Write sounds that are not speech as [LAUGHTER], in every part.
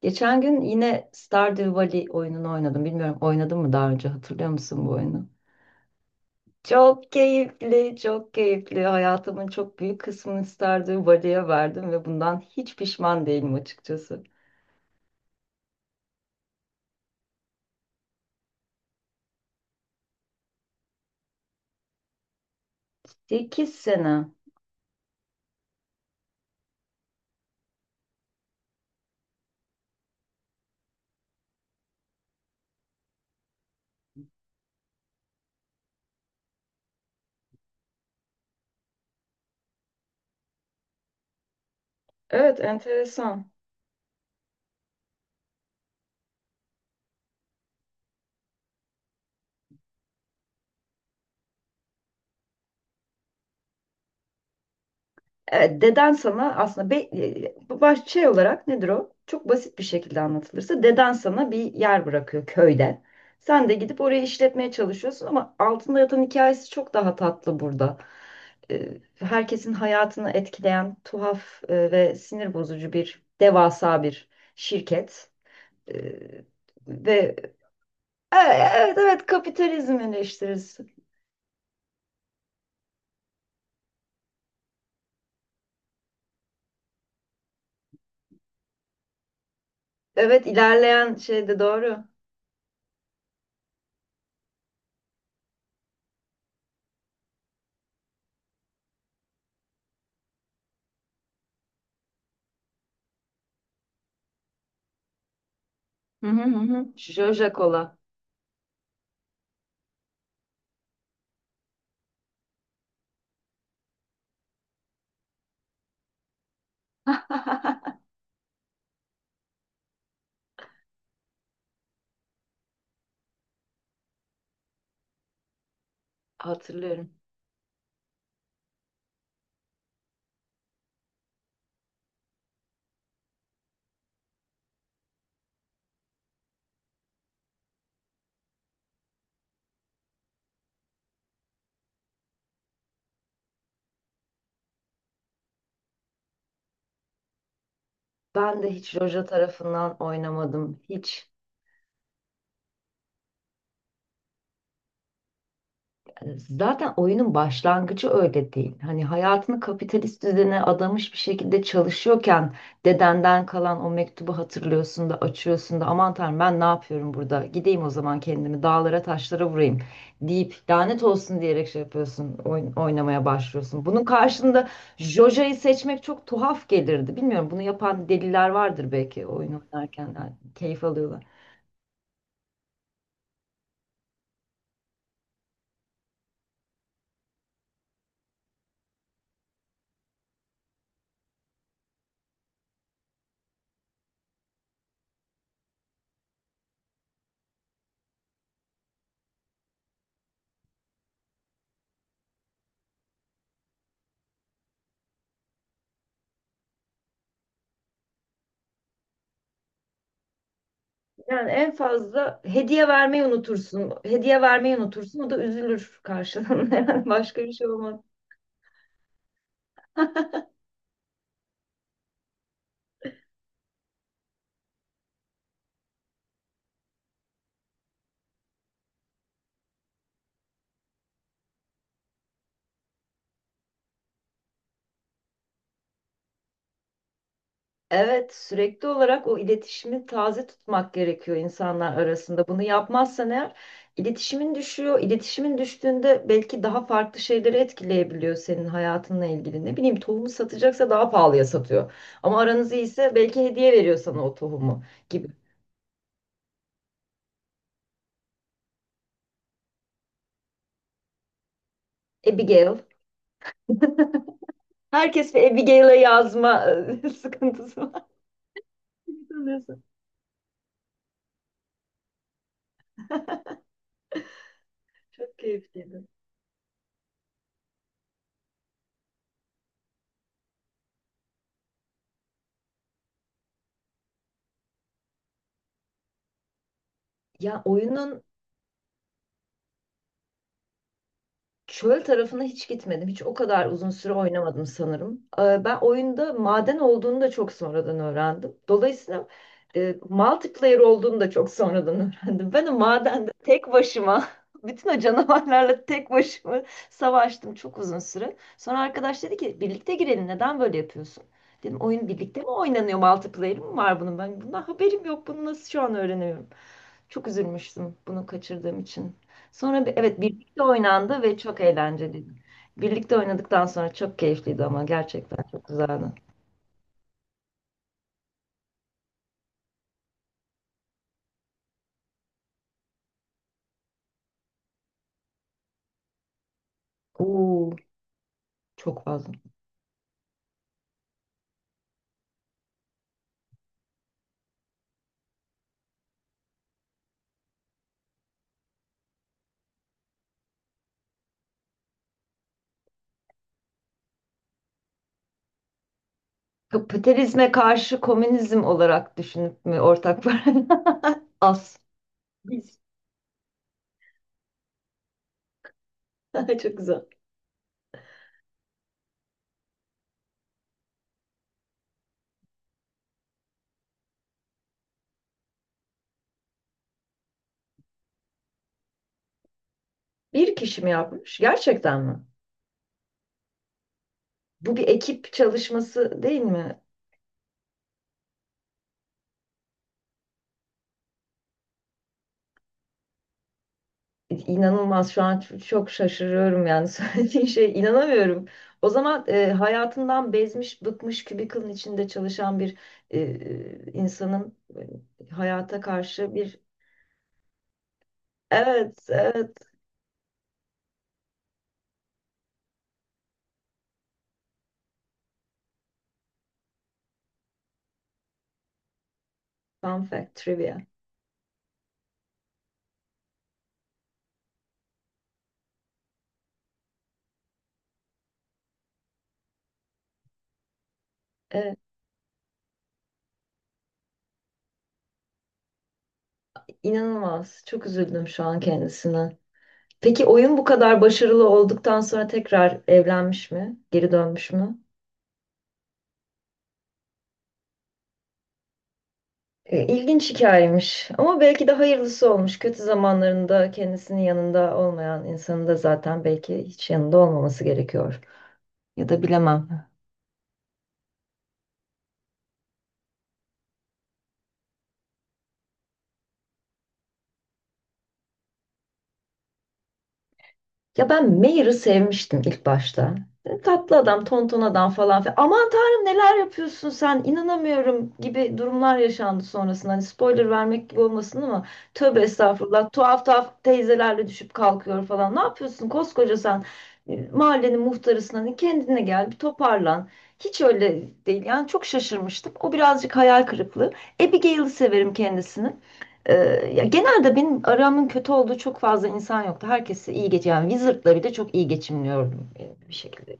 Geçen gün yine Stardew Valley oyununu oynadım. Bilmiyorum oynadın mı daha önce, hatırlıyor musun bu oyunu? Çok keyifli, çok keyifli. Hayatımın çok büyük kısmını Stardew Valley'e verdim ve bundan hiç pişman değilim açıkçası. 8 sene. Evet, enteresan. Evet, deden sana aslında bu şey olarak nedir o? Çok basit bir şekilde anlatılırsa deden sana bir yer bırakıyor köyden. Sen de gidip orayı işletmeye çalışıyorsun ama altında yatan hikayesi çok daha tatlı burada. Herkesin hayatını etkileyen tuhaf ve sinir bozucu devasa bir şirket. E, ve e, evet, evet, kapitalizm eleştirisi. Evet, ilerleyen şey de doğru. Hı hı hı. Hı. Jojo Cola hatırlıyorum. Ben de hiç Roja tarafından oynamadım. Hiç. Yani zaten oyunun başlangıcı öyle değil. Hani hayatını kapitalist düzene adamış bir şekilde çalışıyorken dedenden kalan o mektubu hatırlıyorsun da açıyorsun da, aman tanrım ben ne yapıyorum burada? Gideyim o zaman kendimi dağlara taşlara vurayım deyip lanet olsun diyerek şey yapıyorsun, oynamaya başlıyorsun. Bunun karşında Joja'yı seçmek çok tuhaf gelirdi. Bilmiyorum, bunu yapan deliler vardır belki, oyun oynarken yani keyif alıyorlar. Yani en fazla hediye vermeyi unutursun. Hediye vermeyi unutursun. O da üzülür karşılığında. [LAUGHS] Yani başka bir şey olmaz. Evet, sürekli olarak o iletişimi taze tutmak gerekiyor insanlar arasında. Bunu yapmazsan eğer iletişimin düşüyor. İletişimin düştüğünde belki daha farklı şeyleri etkileyebiliyor senin hayatınla ilgili. Ne bileyim, tohumu satacaksa daha pahalıya satıyor. Ama aranız iyiyse belki hediye veriyor sana o tohumu gibi. Abigail. Herkes bir Abigail'e yazma [LAUGHS] sıkıntısı var. Çok keyifliydi. Ya oyunun çöl tarafına hiç gitmedim. Hiç o kadar uzun süre oynamadım sanırım. Ben oyunda maden olduğunu da çok sonradan öğrendim. Dolayısıyla multiplayer olduğunu da çok sonradan [LAUGHS] öğrendim. Ben o madende tek başıma, [LAUGHS] bütün o canavarlarla tek başıma savaştım çok uzun süre. Sonra arkadaş dedi ki birlikte girelim, neden böyle yapıyorsun? Dedim, oyun birlikte mi oynanıyor, multiplayer mi var bunun? Ben bundan haberim yok, bunu nasıl şu an öğreniyorum? Çok üzülmüştüm bunu kaçırdığım için. Sonra evet, birlikte oynandı ve çok eğlenceliydi. Birlikte oynadıktan sonra çok keyifliydi ama gerçekten çok güzeldi. Oo, çok fazla. Kapitalizme karşı komünizm olarak düşünüp mü ortak var? [LAUGHS] Az. Biz. [LAUGHS] Çok güzel. Bir kişi mi yapmış? Gerçekten mi? Bu bir ekip çalışması değil mi? İnanılmaz, şu an çok şaşırıyorum yani. [LAUGHS] Söylediğin şey inanamıyorum. O zaman hayatından bezmiş, bıkmış, cubicle'ın içinde çalışan bir insanın hayata karşı bir evet, evet, fun fact trivia. Evet, inanılmaz. Çok üzüldüm şu an kendisine. Peki oyun bu kadar başarılı olduktan sonra tekrar evlenmiş mi? Geri dönmüş mü? İlginç hikayemiş ama belki de hayırlısı olmuş. Kötü zamanlarında kendisinin yanında olmayan insanın da zaten belki hiç yanında olmaması gerekiyor. Ya da bilemem. Ya, ben Mayer'ı sevmiştim ilk başta. Dedim, tatlı adam, tonton adam falan filan. Aman tanrım, neler yapıyorsun sen, inanamıyorum gibi durumlar yaşandı sonrasında. Hani spoiler vermek gibi olmasın ama tövbe estağfurullah, tuhaf tuhaf teyzelerle düşüp kalkıyor falan. Ne yapıyorsun koskoca sen? Mahallenin muhtarısın, hani kendine gel, bir toparlan. Hiç öyle değil yani, çok şaşırmıştım. O birazcık hayal kırıklığı. Abigail'i severim kendisini. Ee, Ya genelde benim aramın kötü olduğu çok fazla insan yoktu. Herkesi iyi geç yani, Wizard'la bile çok iyi geçimliyordum bir şekilde.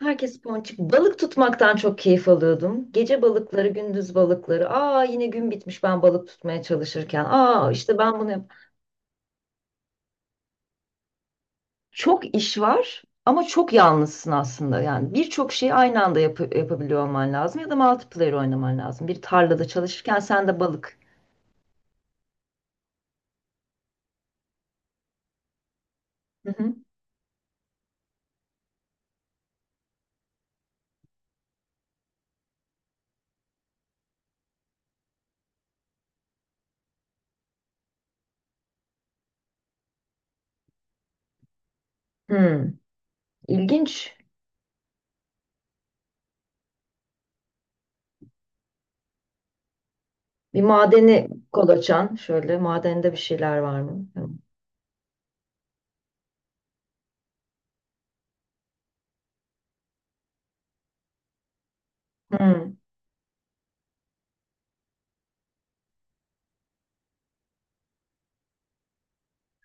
Herkes ponçik. Balık tutmaktan çok keyif alıyordum. Gece balıkları, gündüz balıkları. Aa, yine gün bitmiş ben balık tutmaya çalışırken. Aa, işte ben bunu yap. Çok iş var ama çok yalnızsın aslında. Yani birçok şeyi aynı anda yapabiliyor olman lazım ya da multiplayer oynaman lazım. Bir tarlada çalışırken sen de balık. Hı hı. Hmm, ilginç. Bir madeni kol açan, şöyle madende bir şeyler var mı? Hmm.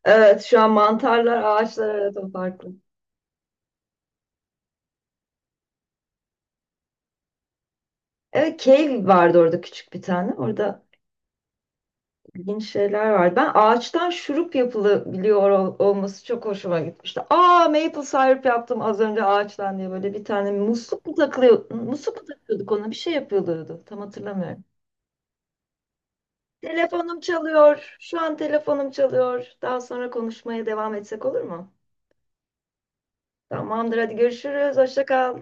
Evet, şu an mantarlar ağaçlar arada farklı. Evet, cave vardı orada küçük bir tane. Orada ilginç şeyler vardı. Ben ağaçtan şurup yapılabiliyor olması çok hoşuma gitmişti. Aa, maple syrup yaptım az önce ağaçtan diye, böyle bir tane musluk mu takılıyor? Musluk mu takıyorduk, ona bir şey yapılıyordu. Tam hatırlamıyorum. Telefonum çalıyor. Şu an telefonum çalıyor. Daha sonra konuşmaya devam etsek olur mu? Tamamdır, hadi görüşürüz. Hoşça kal.